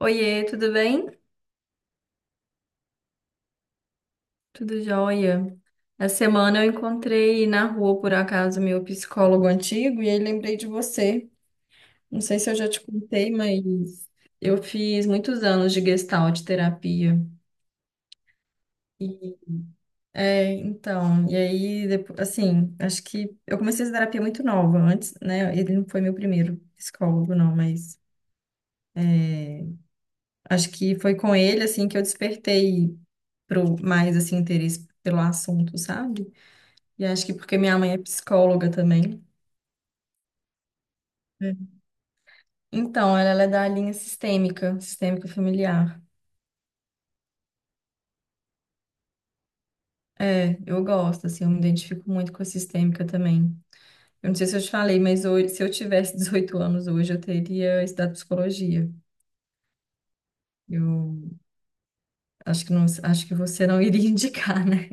Oiê, tudo bem? Tudo jóia. Essa semana eu encontrei na rua, por acaso, meu psicólogo antigo e aí lembrei de você. Não sei se eu já te contei, mas eu fiz muitos anos de gestalt terapia. E, e aí, depois, assim, acho que eu comecei essa terapia muito nova antes, né? Ele não foi meu primeiro psicólogo, não, mas acho que foi com ele, assim, que eu despertei mais, assim, interesse pelo assunto, sabe? E acho que porque minha mãe é psicóloga também. É. Então, ela é da linha sistêmica, sistêmica familiar. É, eu gosto, assim, eu me identifico muito com a sistêmica também. Eu não sei se eu te falei, mas hoje, se eu tivesse 18 anos hoje, eu teria estudado psicologia. Eu acho que não, acho que você não iria indicar, né?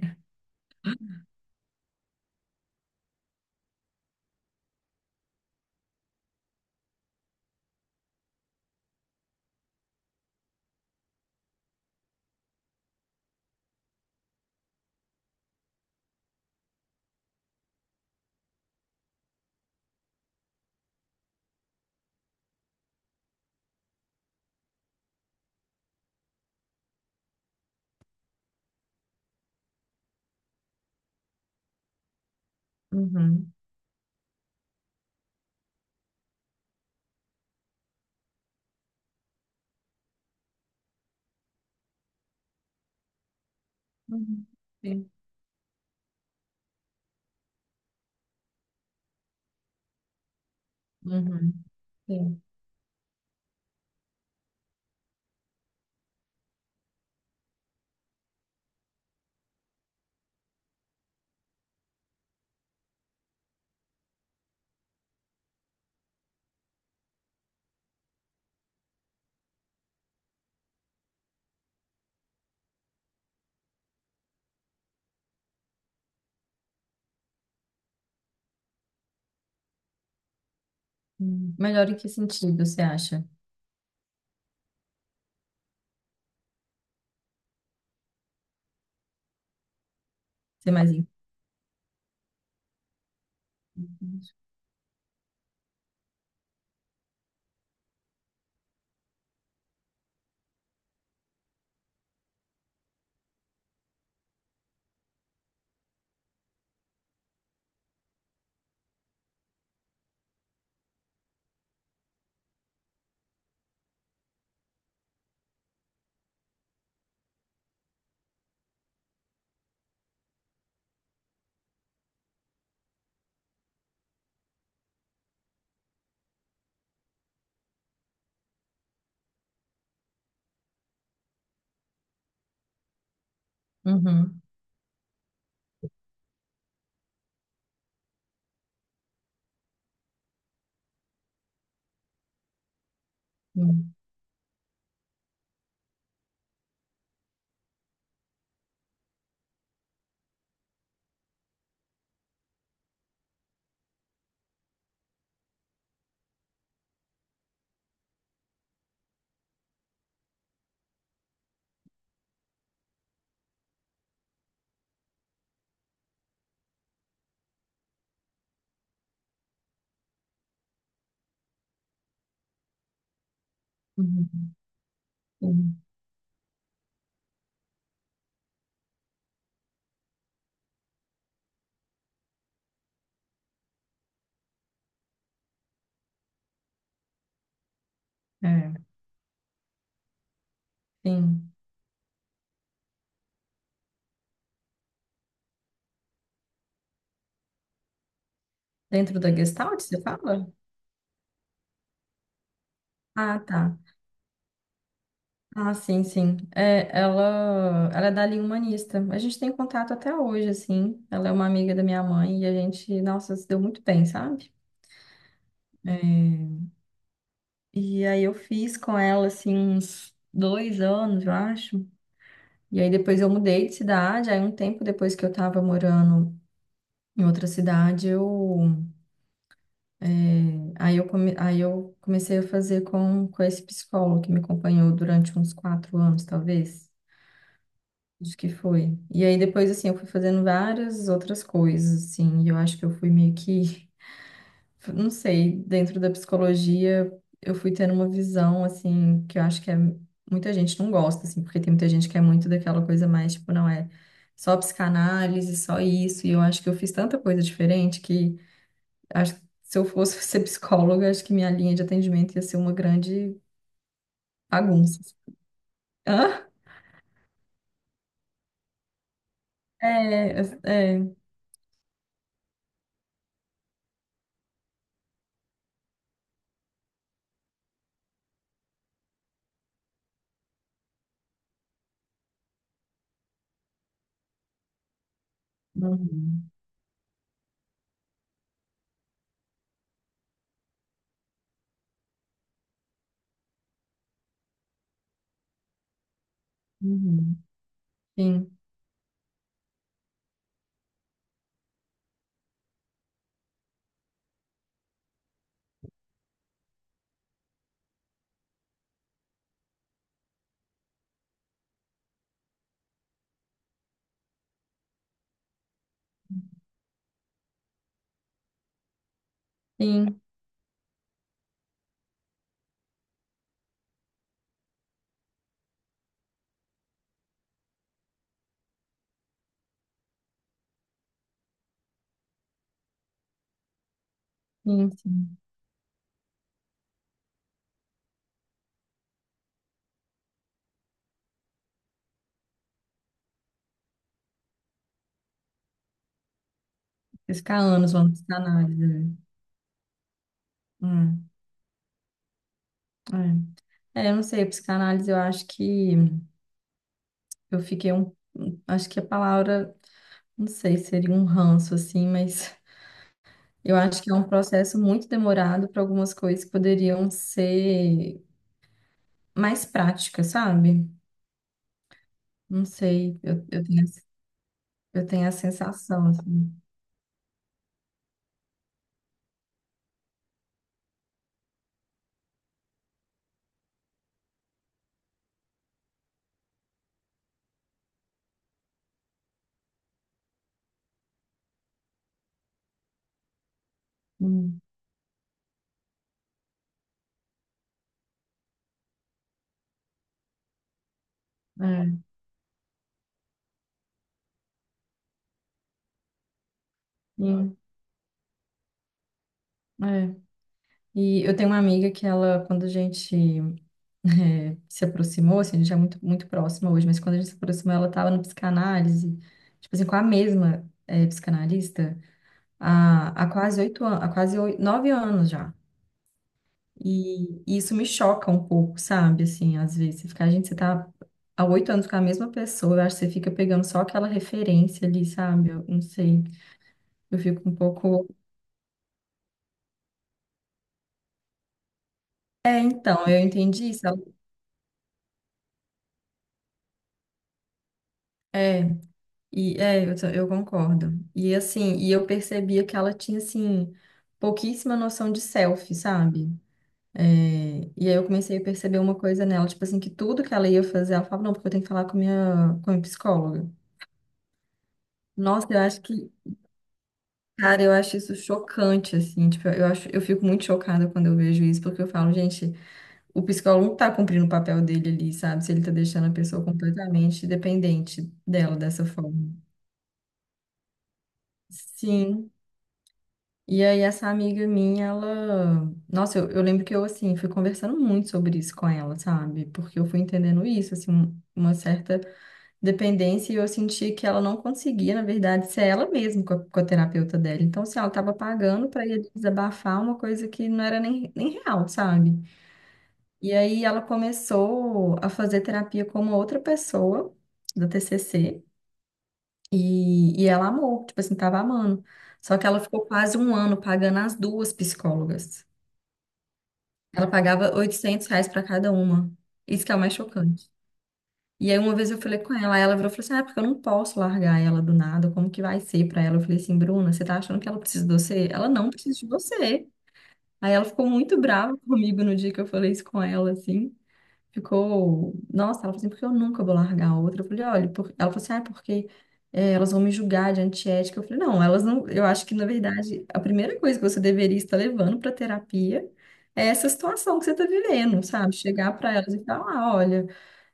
Uhum. Uhum. Sim. Uhum. Sim. Hum. Melhor em que sentido você acha? Ser mais em- Uhum. Uhum. Uhum. Sim. É. Sim. Dentro da Gestalt, você fala? Ah, tá. Ah, sim, sim. É, ela é dali humanista. A gente tem contato até hoje, assim. Ela é uma amiga da minha mãe e a gente, nossa, se deu muito bem, sabe? É, E aí eu fiz com ela, assim, uns 2 anos, eu acho. E aí depois eu mudei de cidade. Aí um tempo depois que eu tava morando em outra cidade, é, Aí eu comecei a fazer com esse psicólogo que me acompanhou durante uns 4 anos, talvez. Acho que foi. E aí depois, assim, eu fui fazendo várias outras coisas, assim, e eu acho que eu fui meio que, não sei, dentro da psicologia, eu fui tendo uma visão, assim, que eu acho que é, muita gente não gosta, assim, porque tem muita gente que é muito daquela coisa mais, tipo, não é só psicanálise, só isso, e eu acho que eu fiz tanta coisa diferente que acho que se eu fosse ser psicóloga, acho que minha linha de atendimento ia ser uma grande bagunça. Hã? É, é. Uhum. Uhum. Sim. Sim. Sim, sim. Vocês Ficar anos vamos psicanálise. Né? Hum, é. É, eu não sei, psicanálise eu acho que eu fiquei um. Um, acho que a palavra, não sei, seria um ranço, assim, mas eu acho que é um processo muito demorado para algumas coisas que poderiam ser mais práticas, sabe? Não sei, eu tenho, essa- eu tenho a sensação, assim. Hum, é, sim, é. E eu tenho uma amiga que ela, quando a gente se aproximou, assim, a gente é muito próxima hoje, mas quando a gente se aproximou, ela estava na psicanálise, tipo assim, com a mesma psicanalista há quase 8 anos, 9 anos já. E isso me choca um pouco, sabe? Assim, às vezes, você fica, gente, você tá há 8 anos com a mesma pessoa, eu acho que você fica pegando só aquela referência ali, sabe? Eu não sei, eu fico um pouco. É, então, eu entendi isso. É. E é, eu concordo. E assim, e eu percebia que ela tinha assim pouquíssima noção de selfie, sabe? É, e aí eu comecei a perceber uma coisa nela, tipo assim, que tudo que ela ia fazer, ela falava, não, porque eu tenho que falar com com a minha psicóloga. Nossa, eu acho que, cara, eu acho isso chocante, assim, tipo, eu acho, eu fico muito chocada quando eu vejo isso, porque eu falo, gente, o psicólogo não tá cumprindo o papel dele ali, sabe? Se ele tá deixando a pessoa completamente dependente dela dessa forma. Sim. E aí, essa amiga minha, ela. Nossa, eu lembro que eu, assim, fui conversando muito sobre isso com ela, sabe? Porque eu fui entendendo isso, assim, uma certa dependência, e eu senti que ela não conseguia, na verdade, ser ela mesma com com a terapeuta dela. Então, assim, ela tava pagando pra ir desabafar uma coisa que não era nem real, sabe? E aí, ela começou a fazer terapia com uma outra pessoa da TCC. E ela amou, tipo assim, tava amando. Só que ela ficou quase 1 ano pagando as duas psicólogas. Ela pagava R$ 800 para cada uma. Isso que é o mais chocante. E aí uma vez eu falei com ela, aí ela virou e falou assim, ah, é porque eu não posso largar ela do nada, como que vai ser para ela? Eu falei assim, Bruna, você tá achando que ela precisa de você? Ela não precisa de você. Aí ela ficou muito brava comigo no dia que eu falei isso com ela, assim ficou, nossa, ela falou assim, porque eu nunca vou largar a outra. Eu falei, olha, por... ela falou assim, ah, é porque elas vão me julgar de antiética. Eu falei, não, elas não, eu acho que, na verdade, a primeira coisa que você deveria estar levando para terapia é essa situação que você está vivendo, sabe? Chegar para elas e falar, ah, olha,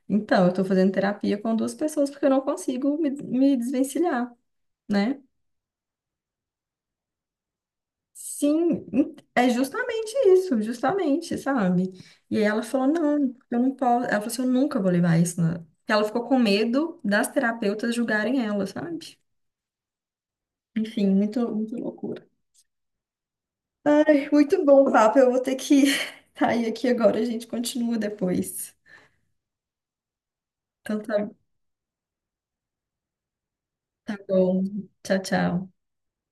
então, eu estou fazendo terapia com duas pessoas porque eu não consigo me desvencilhar, né? Sim, é justamente isso, justamente, sabe? E aí ela falou, não, eu não posso. Ela falou assim, eu nunca vou levar isso. na-". Porque Ela ficou com medo das terapeutas julgarem ela, sabe? Enfim, muito loucura. Ai, muito bom, o papo. Eu vou ter que sair aqui agora, a gente continua depois. Então tá, tá bom. Tchau, tchau.